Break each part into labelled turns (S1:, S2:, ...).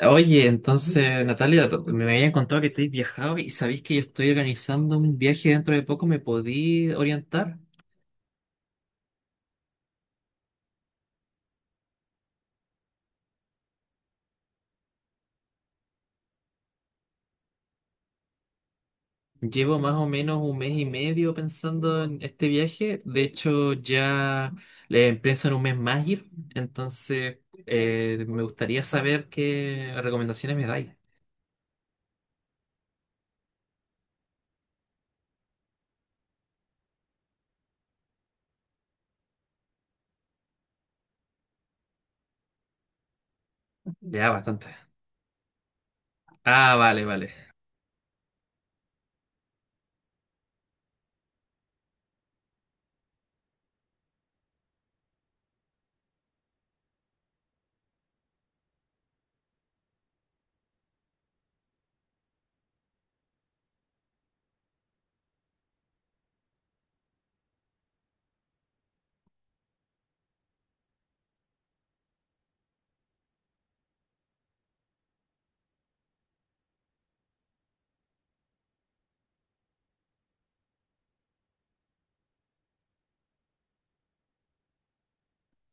S1: Oye, entonces, Natalia, me habían contado que estáis viajado y sabéis que yo estoy organizando un viaje dentro de poco. ¿Me podí orientar? Llevo más o menos un mes y medio pensando en este viaje. De hecho, ya le pienso en un mes más ir. Entonces, me gustaría saber qué recomendaciones me dais. Ya, bastante. Ah, vale, vale.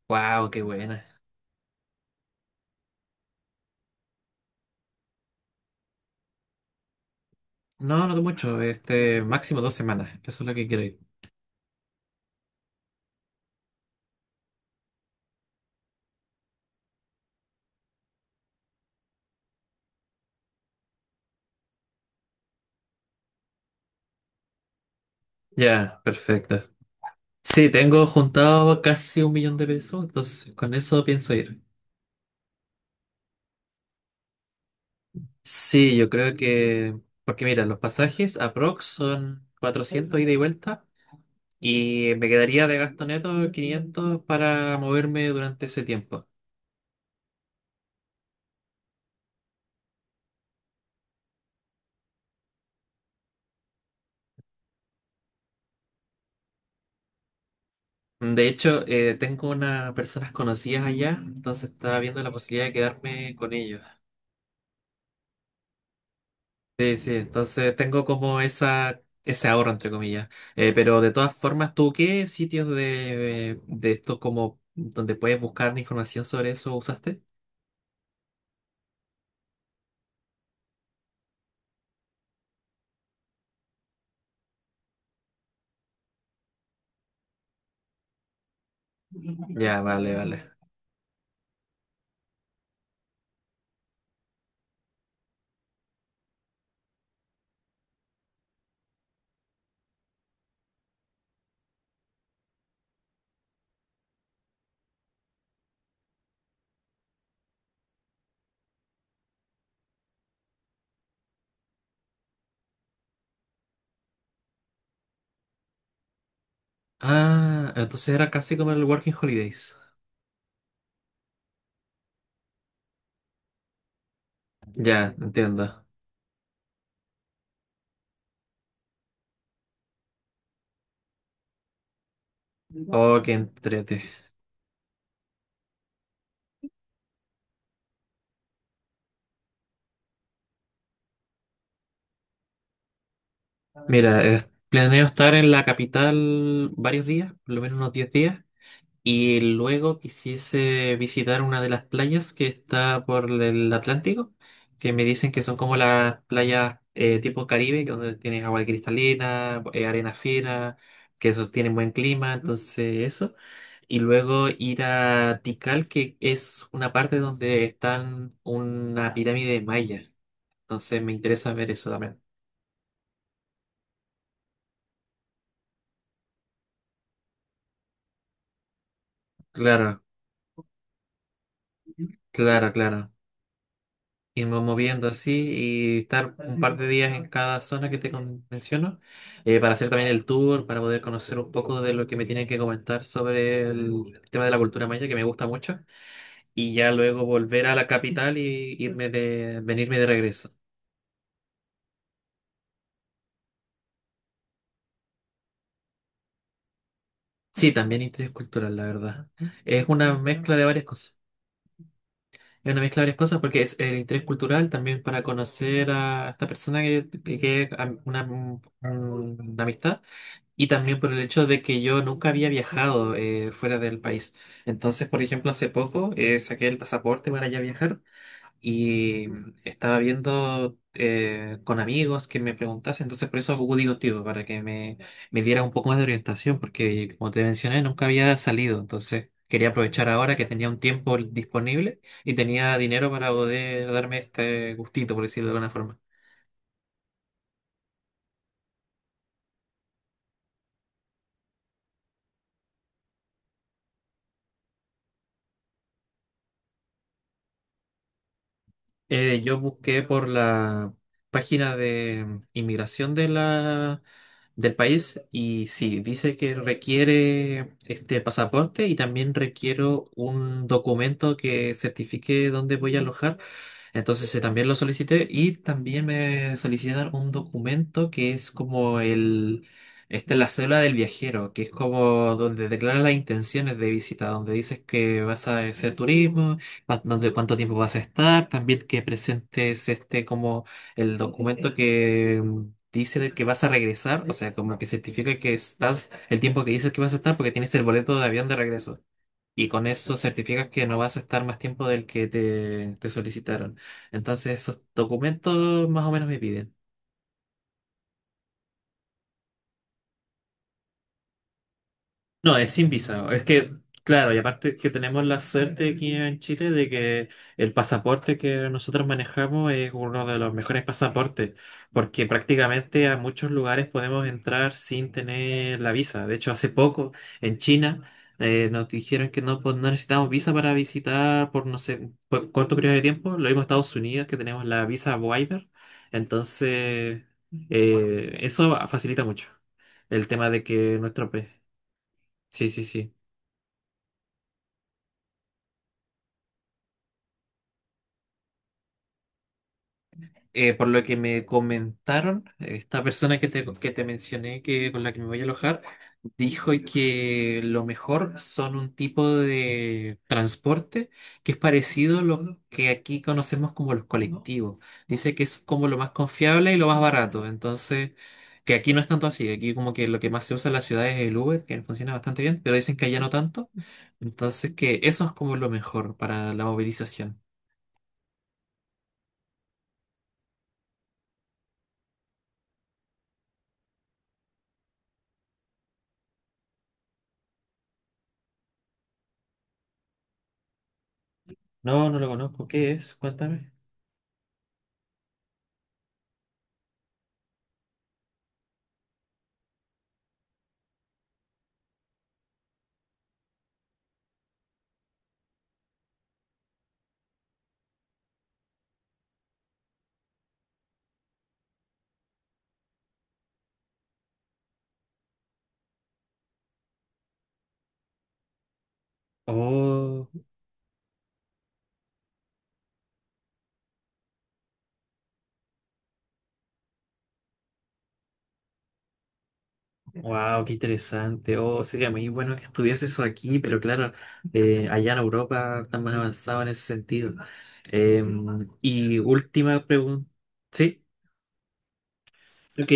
S1: Wow, qué buena. No, no mucho. Este, máximo 2 semanas. Eso es lo que quiero ir. Ya, perfecto. Sí, tengo juntado casi un millón de pesos, entonces con eso pienso ir. Sí, yo creo que. Porque mira, los pasajes aprox son 400 ida y vuelta y me quedaría de gasto neto 500 para moverme durante ese tiempo. De hecho, tengo unas personas conocidas allá, entonces estaba viendo la posibilidad de quedarme con ellos. Sí, sí, entonces tengo como esa, ese ahorro, entre comillas. Pero de todas formas, ¿tú qué sitios de, esto como donde puedes buscar información sobre eso usaste? Ya, vale, vale. Ah, entonces era casi como el Working Holidays. Ya, entiendo. Oh, qué entrete. Mira, planeo estar en la capital varios días, por lo menos unos 10 días. Y luego quisiese visitar una de las playas que está por el Atlántico, que me dicen que son como las playas tipo Caribe, que donde tienes agua cristalina, arena fina, que eso tienen buen clima, entonces eso. Y luego ir a Tikal, que es una parte donde están una pirámide maya. Entonces me interesa ver eso también. Claro, claro, claro, irnos moviendo así y estar un par de días en cada zona que te menciono para hacer también el tour, para poder conocer un poco de lo que me tienen que comentar sobre el tema de la cultura maya, que me gusta mucho, y ya luego volver a la capital y irme de, venirme de regreso. Sí, también interés cultural, la verdad. Es una mezcla de varias cosas. Es una mezcla de varias cosas porque es el interés cultural también para conocer a esta persona que es una amistad. Y también por el hecho de que yo nunca había viajado fuera del país. Entonces, por ejemplo, hace poco saqué el pasaporte para ya viajar y estaba viendo con amigos que me preguntasen. Entonces, por eso acudí contigo, para que me diera un poco más de orientación, porque como te mencioné, nunca había salido. Entonces, quería aprovechar ahora que tenía un tiempo disponible y tenía dinero para poder darme este gustito, por decirlo de alguna forma. Yo busqué por la página de inmigración de del país y sí, dice que requiere este pasaporte y también requiero un documento que certifique dónde voy a alojar, entonces también lo solicité y también me solicitaron un documento que es como esta es la cédula del viajero, que es como donde declaras las intenciones de visita, donde dices que vas a hacer turismo, donde cuánto tiempo vas a estar, también que presentes este como el documento que dice de que vas a regresar, o sea, como que certifica que estás el tiempo que dices que vas a estar porque tienes el boleto de avión de regreso. Y con eso certificas que no vas a estar más tiempo del que te solicitaron. Entonces, esos documentos más o menos me piden. No, es sin visa. Es que, claro, y aparte que tenemos la suerte aquí en Chile de que el pasaporte que nosotros manejamos es uno de los mejores pasaportes, porque prácticamente a muchos lugares podemos entrar sin tener la visa. De hecho, hace poco en China nos dijeron que no, no necesitamos visa para visitar por, no sé, por corto periodo de tiempo. Lo mismo en Estados Unidos, que tenemos la visa waiver. Entonces, eso facilita mucho el tema de que nuestro país. Sí, sí, sí. Por lo que me comentaron, esta persona que te mencioné, que con la que me voy a alojar, dijo que lo mejor son un tipo de transporte que es parecido a lo que aquí conocemos como los colectivos. Dice que es como lo más confiable y lo más barato. Entonces, que aquí no es tanto así. Aquí como que lo que más se usa en la ciudad es el Uber, que funciona bastante bien, pero dicen que allá no tanto. Entonces, que eso es como lo mejor para la movilización. No, no lo conozco. ¿Qué es? Cuéntame. Oh, wow, qué interesante. Oh, sería muy bueno que estuviese eso aquí, pero claro, allá en Europa están más avanzados en ese sentido. Eh, y última pregunta. Sí, ok,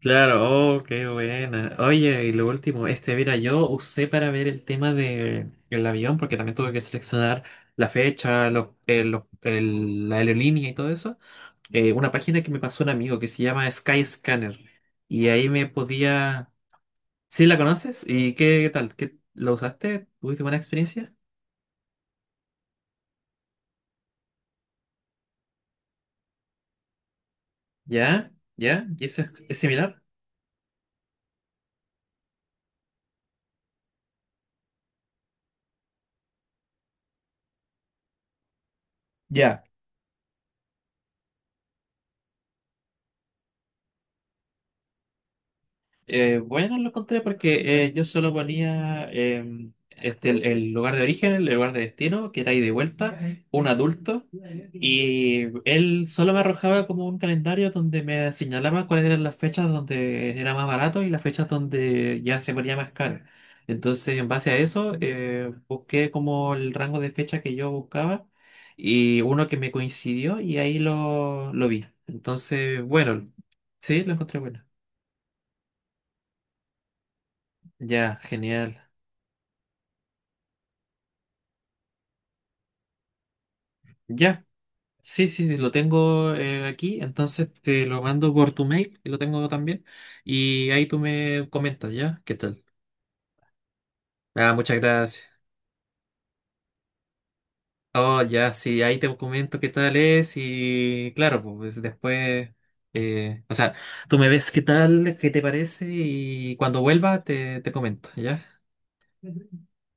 S1: claro, oh, qué buena. Oye, y lo último, este, mira, yo usé para ver el tema de el avión, porque también tuve que seleccionar la fecha, la aerolínea y todo eso. Una página que me pasó un amigo que se llama Skyscanner. Y ahí me podía. ¿Sí la conoces? ¿Y qué, qué tal? ¿Qué, la usaste? ¿Tuviste buena experiencia? ¿Ya? ¿Ya? ¿Y eso es similar? Ya. Bueno, lo encontré porque yo solo ponía este, el lugar de origen, el lugar de destino, que era ahí de vuelta, un adulto, y él solo me arrojaba como un calendario donde me señalaba cuáles eran las fechas donde era más barato y las fechas donde ya se ponía más caro. Entonces, en base a eso, busqué como el rango de fecha que yo buscaba y uno que me coincidió y ahí lo vi. Entonces, bueno, sí, lo encontré bueno. Ya, genial. Ya, sí, sí, sí, lo tengo aquí, entonces te lo mando por tu mail, y lo tengo también, y ahí tú me comentas, ¿ya? ¿Qué tal? Ah, muchas gracias. Oh, ya, sí, ahí te comento qué tal es y claro, pues después, o sea, tú me ves qué tal, qué te parece y cuando vuelva te comento, ¿ya?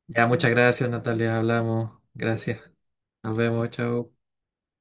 S1: Ya, muchas gracias, Natalia, hablamos, gracias. Nos vemos, chao.